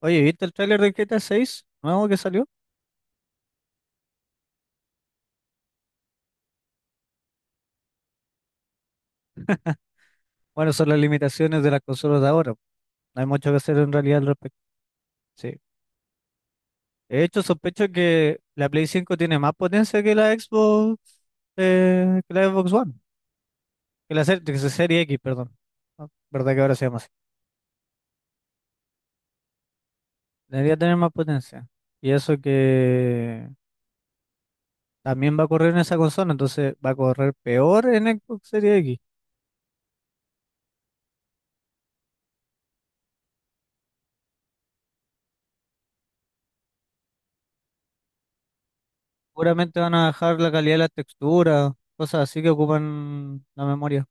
Oye, ¿viste el tráiler de GTA 6 nuevo que salió? Bueno, son las limitaciones de las consolas de ahora. No hay mucho que hacer en realidad al respecto. Sí. De hecho, sospecho que la Play 5 tiene más potencia que la Xbox One, que la serie X, perdón. Ah, ¿verdad que ahora se llama así? Debería tener más potencia. Y eso que también va a correr en esa consola, entonces va a correr peor en Xbox Series X. Seguramente van a bajar la calidad de las texturas, cosas así que ocupan la memoria.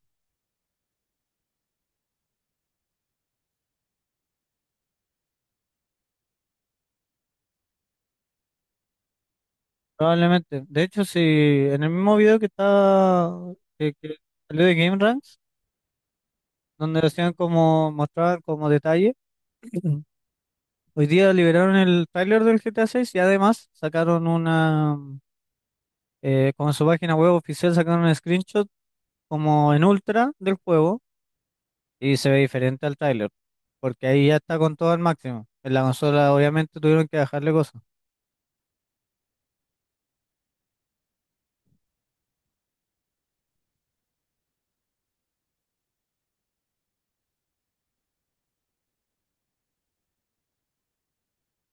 Probablemente. De hecho, si en el mismo video que está que salió de Game Ranks, donde hacían como mostrar como detalle, hoy día liberaron el tráiler del GTA 6 y además sacaron una como en su página web oficial sacaron un screenshot como en ultra del juego y se ve diferente al tráiler, porque ahí ya está con todo al máximo. En la consola obviamente tuvieron que dejarle cosas.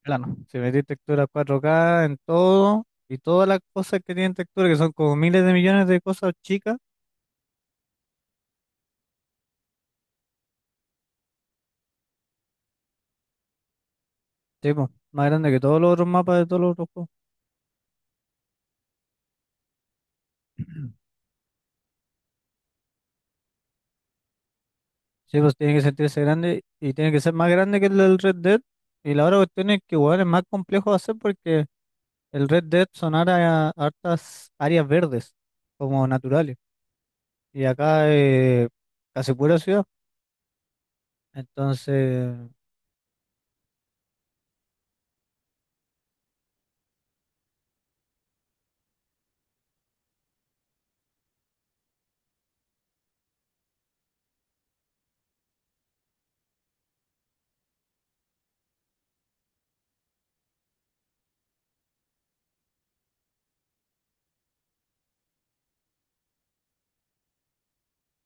Plano. Si metís textura 4K en todo y todas las cosas que tienen textura, que son como miles de millones de cosas chicas, sí, po, más grande que todos los otros mapas de todos los otros juegos. Sí, pues tiene que sentirse grande y tiene que ser más grande que el del Red Dead. Y la otra cuestión es que igual es más complejo de hacer porque el Red Dead son área- hartas áreas verdes, como naturales. Y acá casi pura ciudad. Entonces,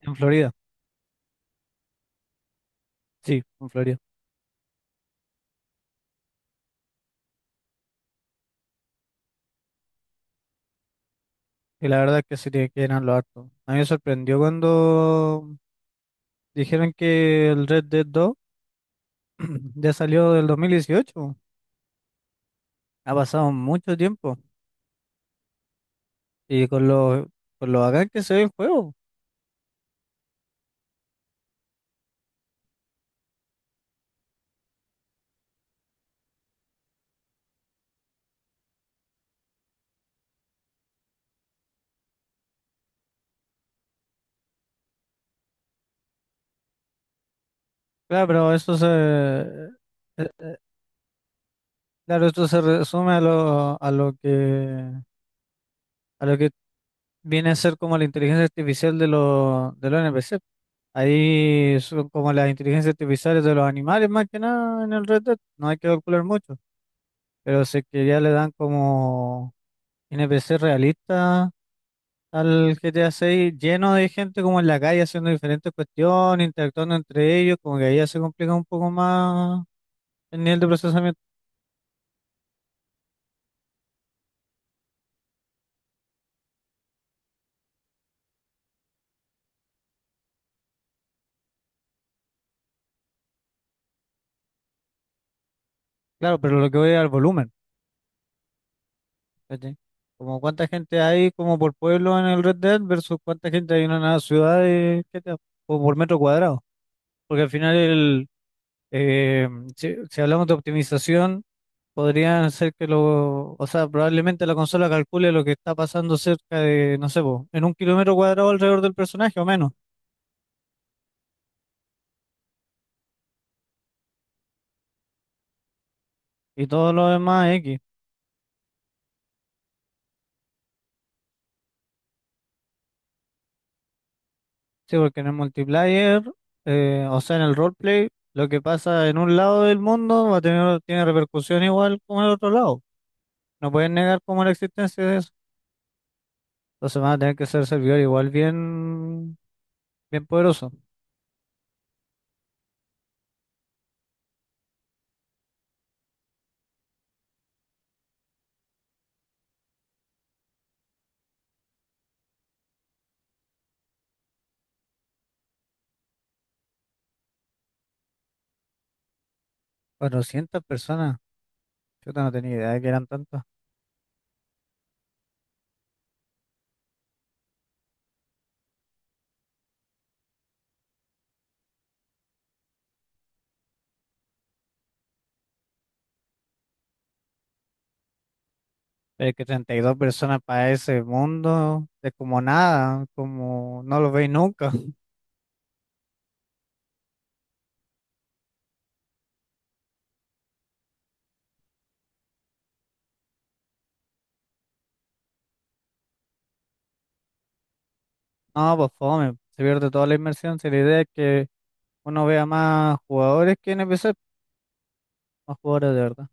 en Florida, sí, en Florida. Y la verdad es que sí te quedan lo harto. A mí me sorprendió cuando dijeron que el Red Dead 2 ya salió del 2018. Ha pasado mucho tiempo. Y con lo bacán que se ve el juego. Claro, pero eh, claro, esto se resume a a lo que viene a ser como la inteligencia artificial de de los NPC. Ahí son como las inteligencias artificiales de los animales más que nada en el Red Dead. No hay que calcular mucho. Pero sé que ya le dan como NPC realista al GTA 6, lleno de gente como en la calle haciendo diferentes cuestiones, interactuando entre ellos, como que ahí ya se complica un poco más el nivel de procesamiento. Claro, pero lo que voy es al volumen, ¿cachai? Como cuánta gente hay como por pueblo en el Red Dead versus cuánta gente hay en una ciudad de GTA, o por metro cuadrado. Porque al final el, eh, si si hablamos de optimización. Podrían ser que lo, o sea, probablemente la consola calcule lo que está pasando cerca de, no sé, po, en un kilómetro cuadrado alrededor del personaje o menos, y todo lo demás es X. Sí, porque en el multiplayer, o sea, en el roleplay, lo que pasa en un lado del mundo tiene repercusión igual como en el otro lado. No pueden negar como la existencia de eso. Entonces van a tener que ser servidor igual bien poderoso. 400 personas, yo no tenía idea de que eran tantas. Pero que 32 personas para ese mundo es como nada, como no lo veis nunca. No, pues fome, se pierde toda la inmersión. Si la idea es que uno vea más jugadores que NPC, más jugadores de verdad.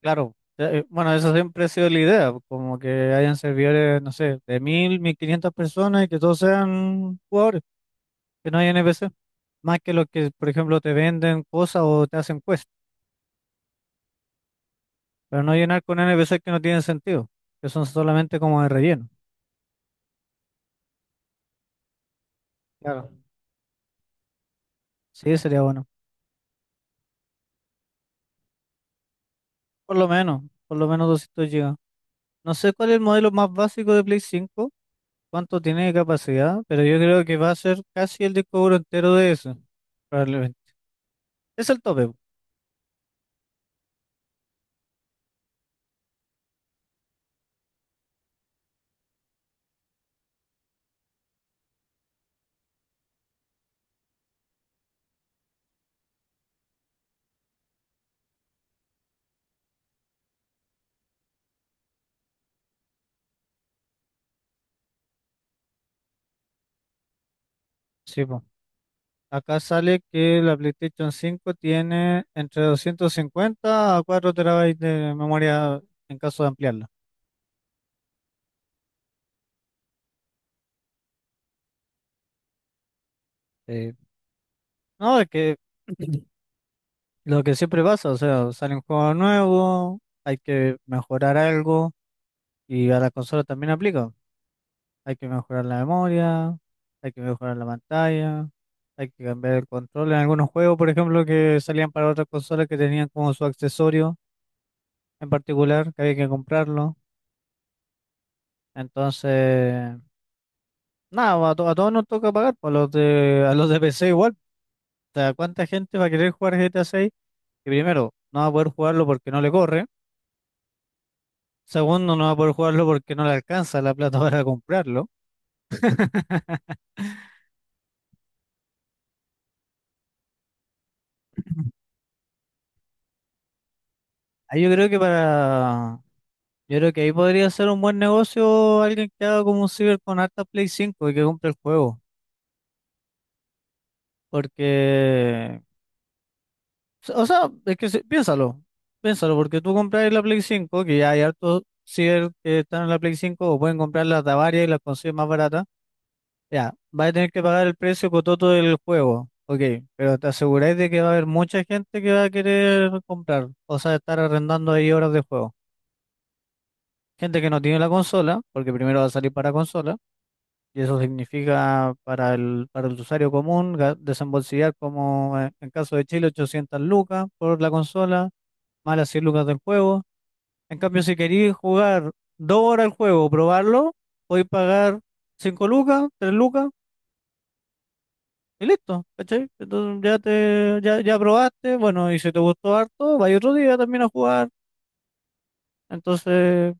Claro, bueno, eso siempre ha sido la idea, pues, como que hayan servidores, no sé, de mil, mil 1500 personas y que todos sean jugadores, que no hay NPC. Más que los que, por ejemplo, te venden cosas o te hacen quest, pero no llenar con NPC que no tienen sentido, que son solamente como de relleno. Claro, sí, sería bueno. Por lo menos, por lo menos 200 GB. No sé cuál es el modelo más básico de Play 5 cuánto tiene de capacidad, pero yo creo que va a ser casi el disco duro entero de eso, probablemente. Es el tope, po. Sí, po. Acá sale que la PlayStation 5 tiene entre 250 a 4 terabytes de memoria en caso de ampliarla. Eh, no, es que lo que siempre pasa, o sea, sale un juego nuevo, hay que mejorar algo y a la consola también aplica. Hay que mejorar la memoria, hay que mejorar la pantalla, hay que cambiar el control. En algunos juegos, por ejemplo, que salían para otras consolas que tenían como su accesorio en particular, que había que comprarlo. Entonces, nada, a, to- a todos nos toca pagar, pues, a a los de PC igual. O sea, ¿cuánta gente va a querer jugar GTA 6? Que primero, no va a poder jugarlo porque no le corre. Segundo, no va a poder jugarlo porque no le alcanza la plata para comprarlo. Ah, yo creo que ahí podría ser un buen negocio alguien que haga como un ciber con harta Play 5 y que compre el juego. Porque, o sea, es que si- piénsalo, piénsalo, porque tú compras la Play 5 que ya hay hartos ciber que están en la Play 5 o pueden comprar las de a varias y las consigues más baratas. Ya, vas a tener que pagar el precio cototo del juego, ok, pero te aseguráis de que va a haber mucha gente que va a querer comprar, o sea, estar arrendando ahí horas de juego. Gente que no tiene la consola, porque primero va a salir para consola. Y eso significa para para el usuario común ga- desembolsillar como en caso de Chile 800 lucas por la consola, más las 100 lucas del juego. En cambio, si queréis jugar 2 horas el juego, probarlo, podéis pagar 5 lucas, 3 lucas y listo, ¿cachai? Entonces ya probaste, bueno, y si te gustó harto, vais otro día también a jugar. Entonces,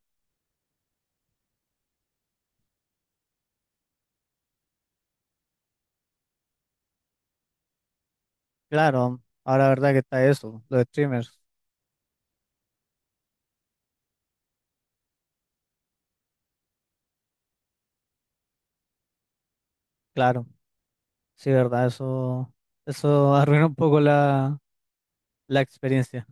claro, ahora la verdad que está eso, los streamers, claro, sí, verdad, eso arruina un poco la experiencia.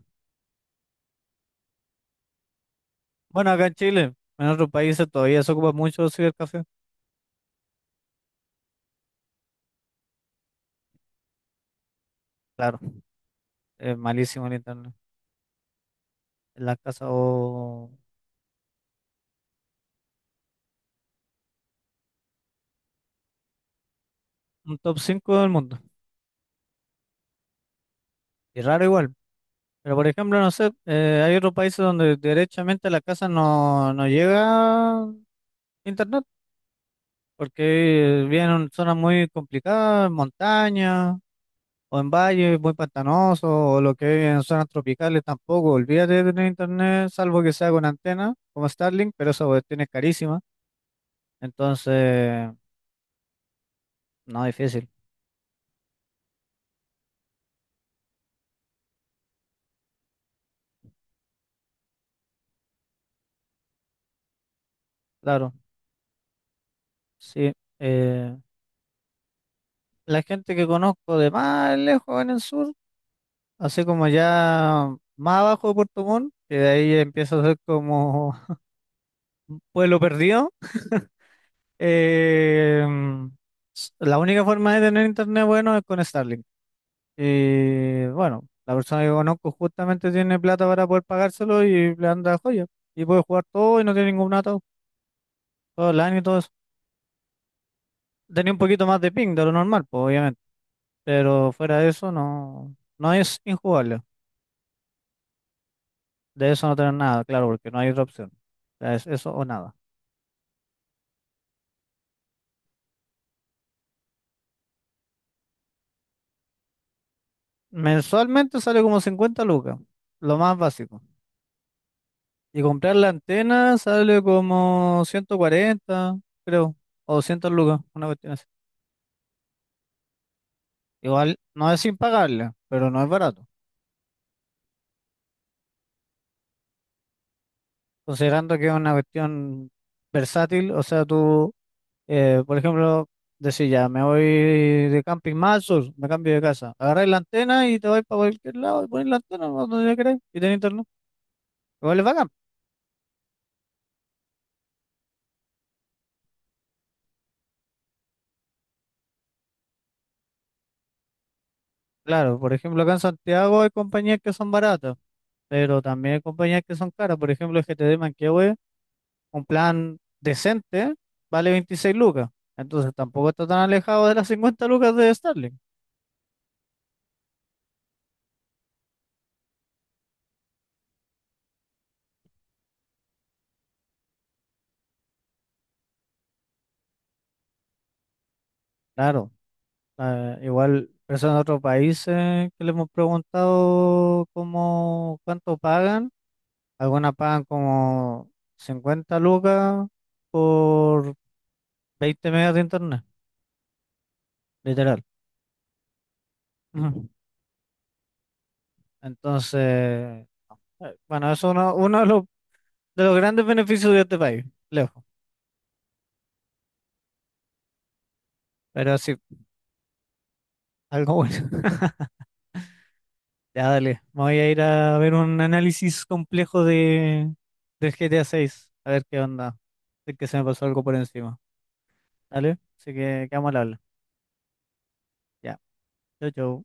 Bueno, acá en Chile, en otros países todavía se ocupa mucho el cibercafé. Claro, es malísimo el internet. En la casa o un top 5 del mundo. Y raro igual. Pero por ejemplo, no sé, hay otros países donde derechamente a la casa no, no llega internet, porque viven en zonas muy complicadas, en montañas, o en valles muy pantanosos, o lo que es en zonas tropicales tampoco. Olvídate de tener internet, salvo que sea con antena, como Starlink, pero esa cuestión es carísima. Entonces, no, difícil, claro, sí. Eh, la gente que conozco de más lejos en el sur, así como ya más abajo de Puerto Montt, que de ahí empieza a ser como un pueblo perdido, eh, la única forma de tener internet bueno es con Starlink. Y bueno, la persona que conozco justamente tiene plata para poder pagárselo y le anda joya. Y puede jugar todo y no tiene ningún dato, todo online y todo eso. Tenía un poquito más de ping de lo normal, pues, obviamente. Pero fuera de eso, no, no es injugable. De eso no tener nada, claro, porque no hay otra opción. O sea, es eso o nada. Mensualmente sale como 50 lucas, lo más básico. Y comprar la antena sale como 140 creo, o 200 lucas, una cuestión así. Igual no es impagable, pero no es barato. Considerando que es una cuestión versátil, o sea, tú. Por ejemplo, decir ya, me voy de camping más al sur, me cambio de casa. Agarráis la antena y te vais para cualquier lado y ponéis la antena no, donde queráis y tenéis internet. Igual es bacán. Claro, por ejemplo, acá en Santiago hay compañías que son baratas, pero también hay compañías que son caras. Por ejemplo, el GTD Manquehue, un plan decente, vale 26 lucas. Entonces tampoco está tan alejado de las 50 lucas de Starlink. Claro, igual personas de otros países que le hemos preguntado cómo, cuánto pagan. Algunas pagan como 50 lucas por 20 megas de internet, literal. Ujú. Entonces, bueno, eso es uno de de los grandes beneficios de este país, lejos. Pero sí, algo bueno. Ya, dale. Me voy a ir a ver un análisis complejo del GTA 6. A seis. A ver qué onda. Es que se me pasó algo por encima. Dale. Así que quedamos al habla. Ya. Chau, chau.